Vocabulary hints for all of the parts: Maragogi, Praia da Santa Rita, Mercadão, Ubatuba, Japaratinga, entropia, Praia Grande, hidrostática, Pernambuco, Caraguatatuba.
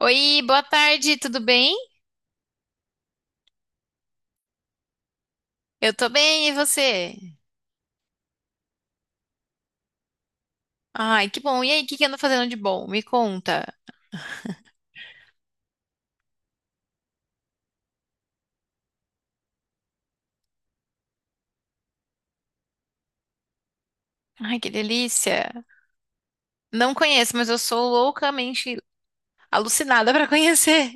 Oi, boa tarde, tudo bem? Eu tô bem, e você? Ai, que bom. E aí, o que que anda fazendo de bom? Me conta. Ai, que delícia. Não conheço, mas eu sou loucamente alucinada pra conhecer.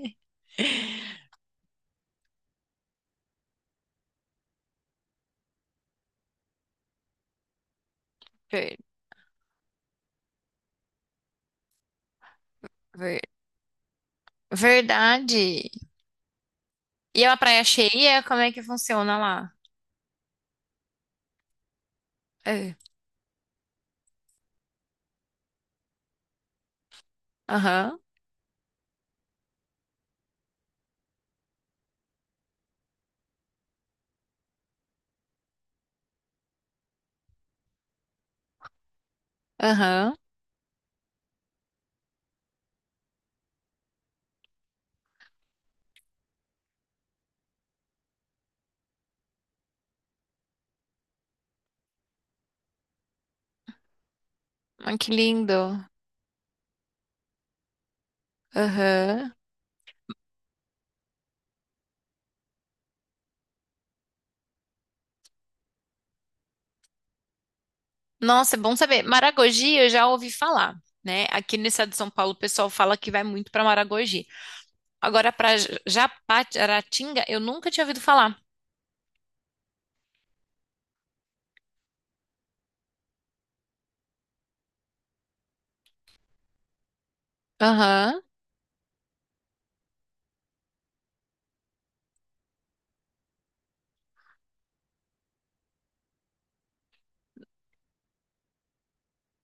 Ver- ver- verdade. E é uma praia cheia? Como é que funciona lá? É. Aham, aham. Ai, que lindo. Aham. Nossa, é bom saber. Maragogi, eu já ouvi falar, né? Aqui no estado de São Paulo, o pessoal fala que vai muito pra Maragogi. Agora, para Japaratinga, eu nunca tinha ouvido falar. Aham,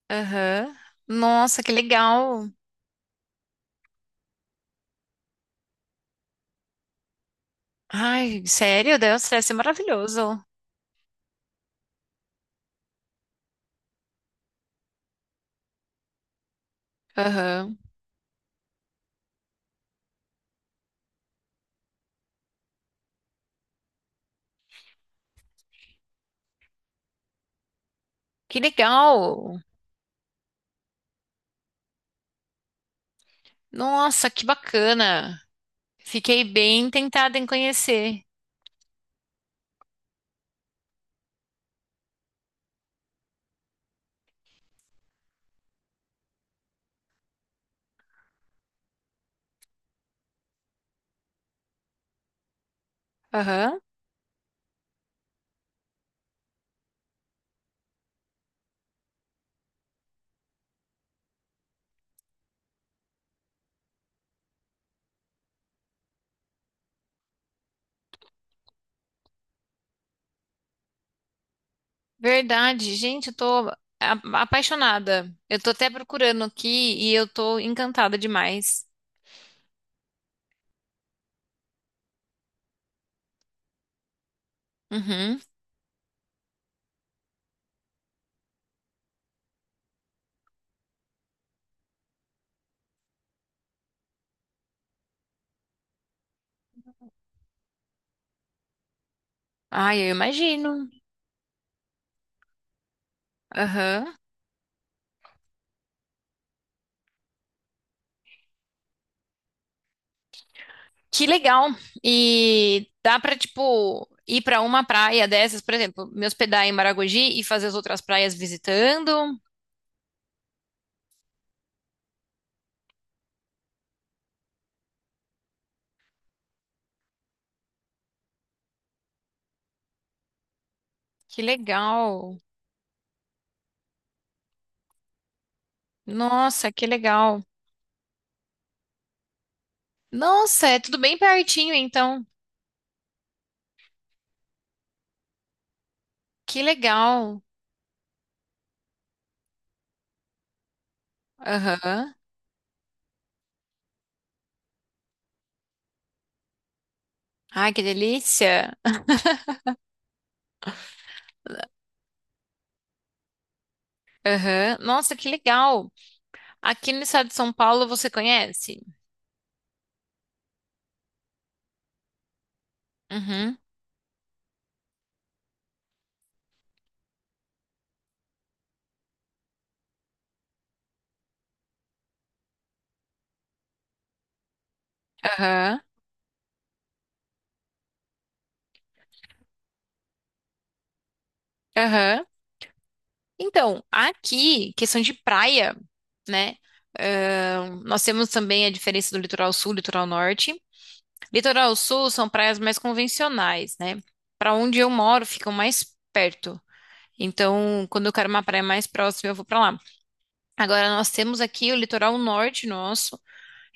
aham. Nossa, que legal. Ai, sério, Deus, deve ser maravilhoso. Aham. Que legal. Nossa, que bacana. Fiquei bem tentada em conhecer. Aham. Verdade, gente, eu tô apaixonada. Eu tô até procurando aqui e eu tô encantada demais. Uhum. Ai, eu imagino. Aham. Que legal! E dá pra, tipo, ir pra uma praia dessas, por exemplo, me hospedar em Maragogi e fazer as outras praias visitando? Que legal! Nossa, que legal! Nossa, é tudo bem pertinho, então. Que legal! Aham. Ai, que delícia! Aham. Nossa, que legal! Aqui no estado de São Paulo você conhece? Uhum. Aham. Aham. Então, aqui, questão de praia. Né? Nós temos também a diferença do litoral sul e litoral norte. Litoral sul são praias mais convencionais, né? Para onde eu moro, ficam mais perto. Então, quando eu quero uma praia mais próxima, eu vou para lá. Agora, nós temos aqui o litoral norte nosso.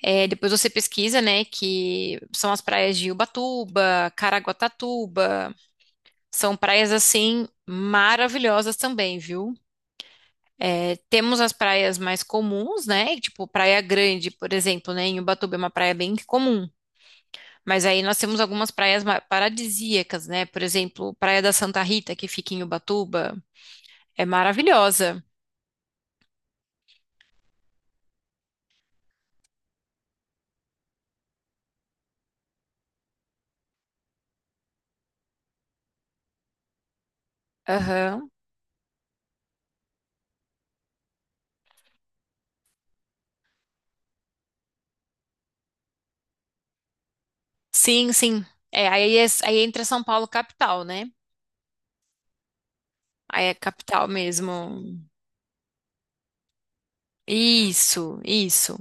É, depois você pesquisa, né? Que são as praias de Ubatuba, Caraguatatuba. São praias assim maravilhosas também, viu? É, temos as praias mais comuns, né? Tipo, Praia Grande, por exemplo, né? Em Ubatuba é uma praia bem comum. Mas aí nós temos algumas praias paradisíacas, né? Por exemplo, Praia da Santa Rita, que fica em Ubatuba, é maravilhosa. Aham. Sim, sim. É, aí, aí entra São Paulo capital, né? Aí é capital mesmo. Isso, isso.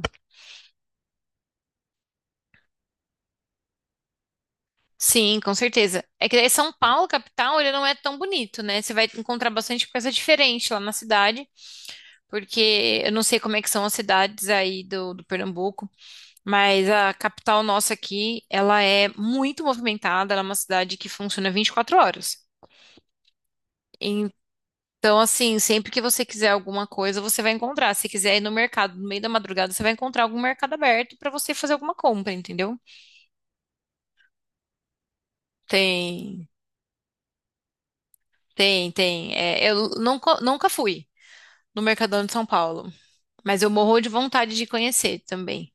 Sim, com certeza. É que daí São Paulo capital, ele não é tão bonito, né? Você vai encontrar bastante coisa diferente lá na cidade, porque eu não sei como é que são as cidades aí do Pernambuco. Mas a capital nossa aqui, ela é muito movimentada, ela é uma cidade que funciona 24 horas. Então, assim, sempre que você quiser alguma coisa, você vai encontrar. Se quiser ir no mercado no meio da madrugada, você vai encontrar algum mercado aberto para você fazer alguma compra, entendeu? Tem, Tem. É, eu nunca fui no Mercadão de São Paulo, mas eu morro de vontade de conhecer também.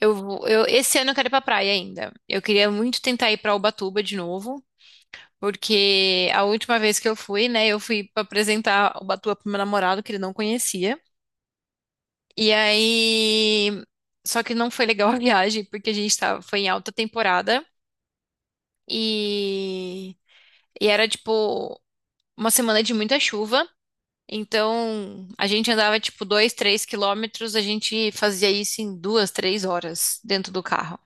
Eu, esse ano eu quero ir pra praia ainda. Eu queria muito tentar ir pra Ubatuba de novo. Porque a última vez que eu fui, né, eu fui pra apresentar o Batuba pro meu namorado, que ele não conhecia. E aí. Só que não foi legal a viagem, porque a gente tava, foi em alta temporada e, e era tipo uma semana de muita chuva. Então a gente andava tipo 2, 3 km, a gente fazia isso em 2, 3 horas dentro do carro.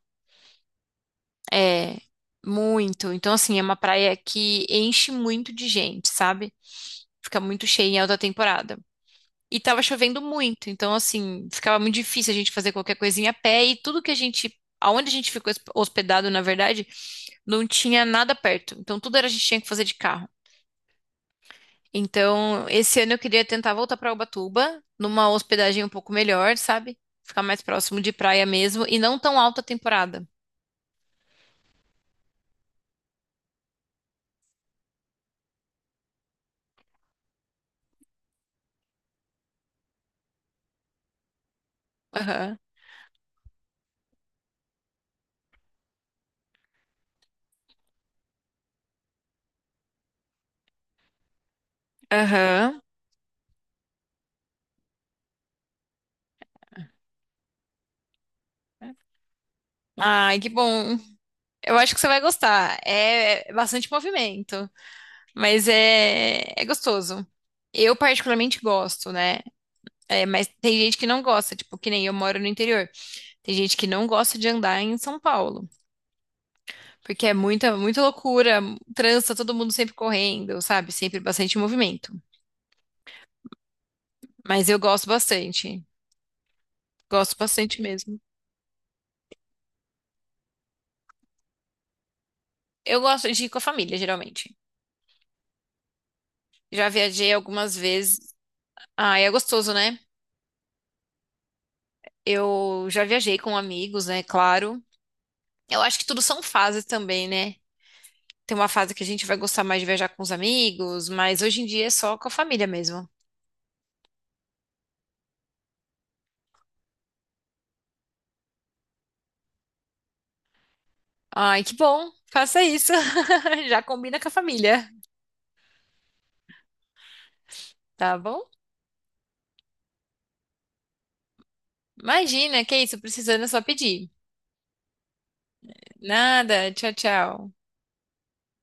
É muito. Então, assim, é uma praia que enche muito de gente, sabe? Fica muito cheia em alta temporada. E tava chovendo muito, então assim, ficava muito difícil a gente fazer qualquer coisinha a pé e tudo que a gente, aonde a gente ficou hospedado, na verdade, não tinha nada perto. Então tudo era a gente tinha que fazer de carro. Então, esse ano eu queria tentar voltar pra Ubatuba, numa hospedagem um pouco melhor, sabe? Ficar mais próximo de praia mesmo e não tão alta temporada. Aham. Aham. Ai, que bom. Eu acho que você vai gostar. É bastante movimento. Mas é, é gostoso. Eu particularmente gosto, né? É, mas tem gente que não gosta, tipo, que nem eu moro no interior. Tem gente que não gosta de andar em São Paulo, porque é muita, muita loucura, trança, todo mundo sempre correndo, sabe? Sempre bastante movimento. Mas eu gosto bastante. Gosto bastante mesmo. Eu gosto de ir com a família, geralmente. Já viajei algumas vezes. Ah, é gostoso, né? Eu já viajei com amigos, né? Claro. Eu acho que tudo são fases também, né? Tem uma fase que a gente vai gostar mais de viajar com os amigos, mas hoje em dia é só com a família mesmo. Ai, que bom. Faça isso. Já combina com a família, tá bom? Imagina, que isso, precisando é só pedir. Nada, tchau, tchau.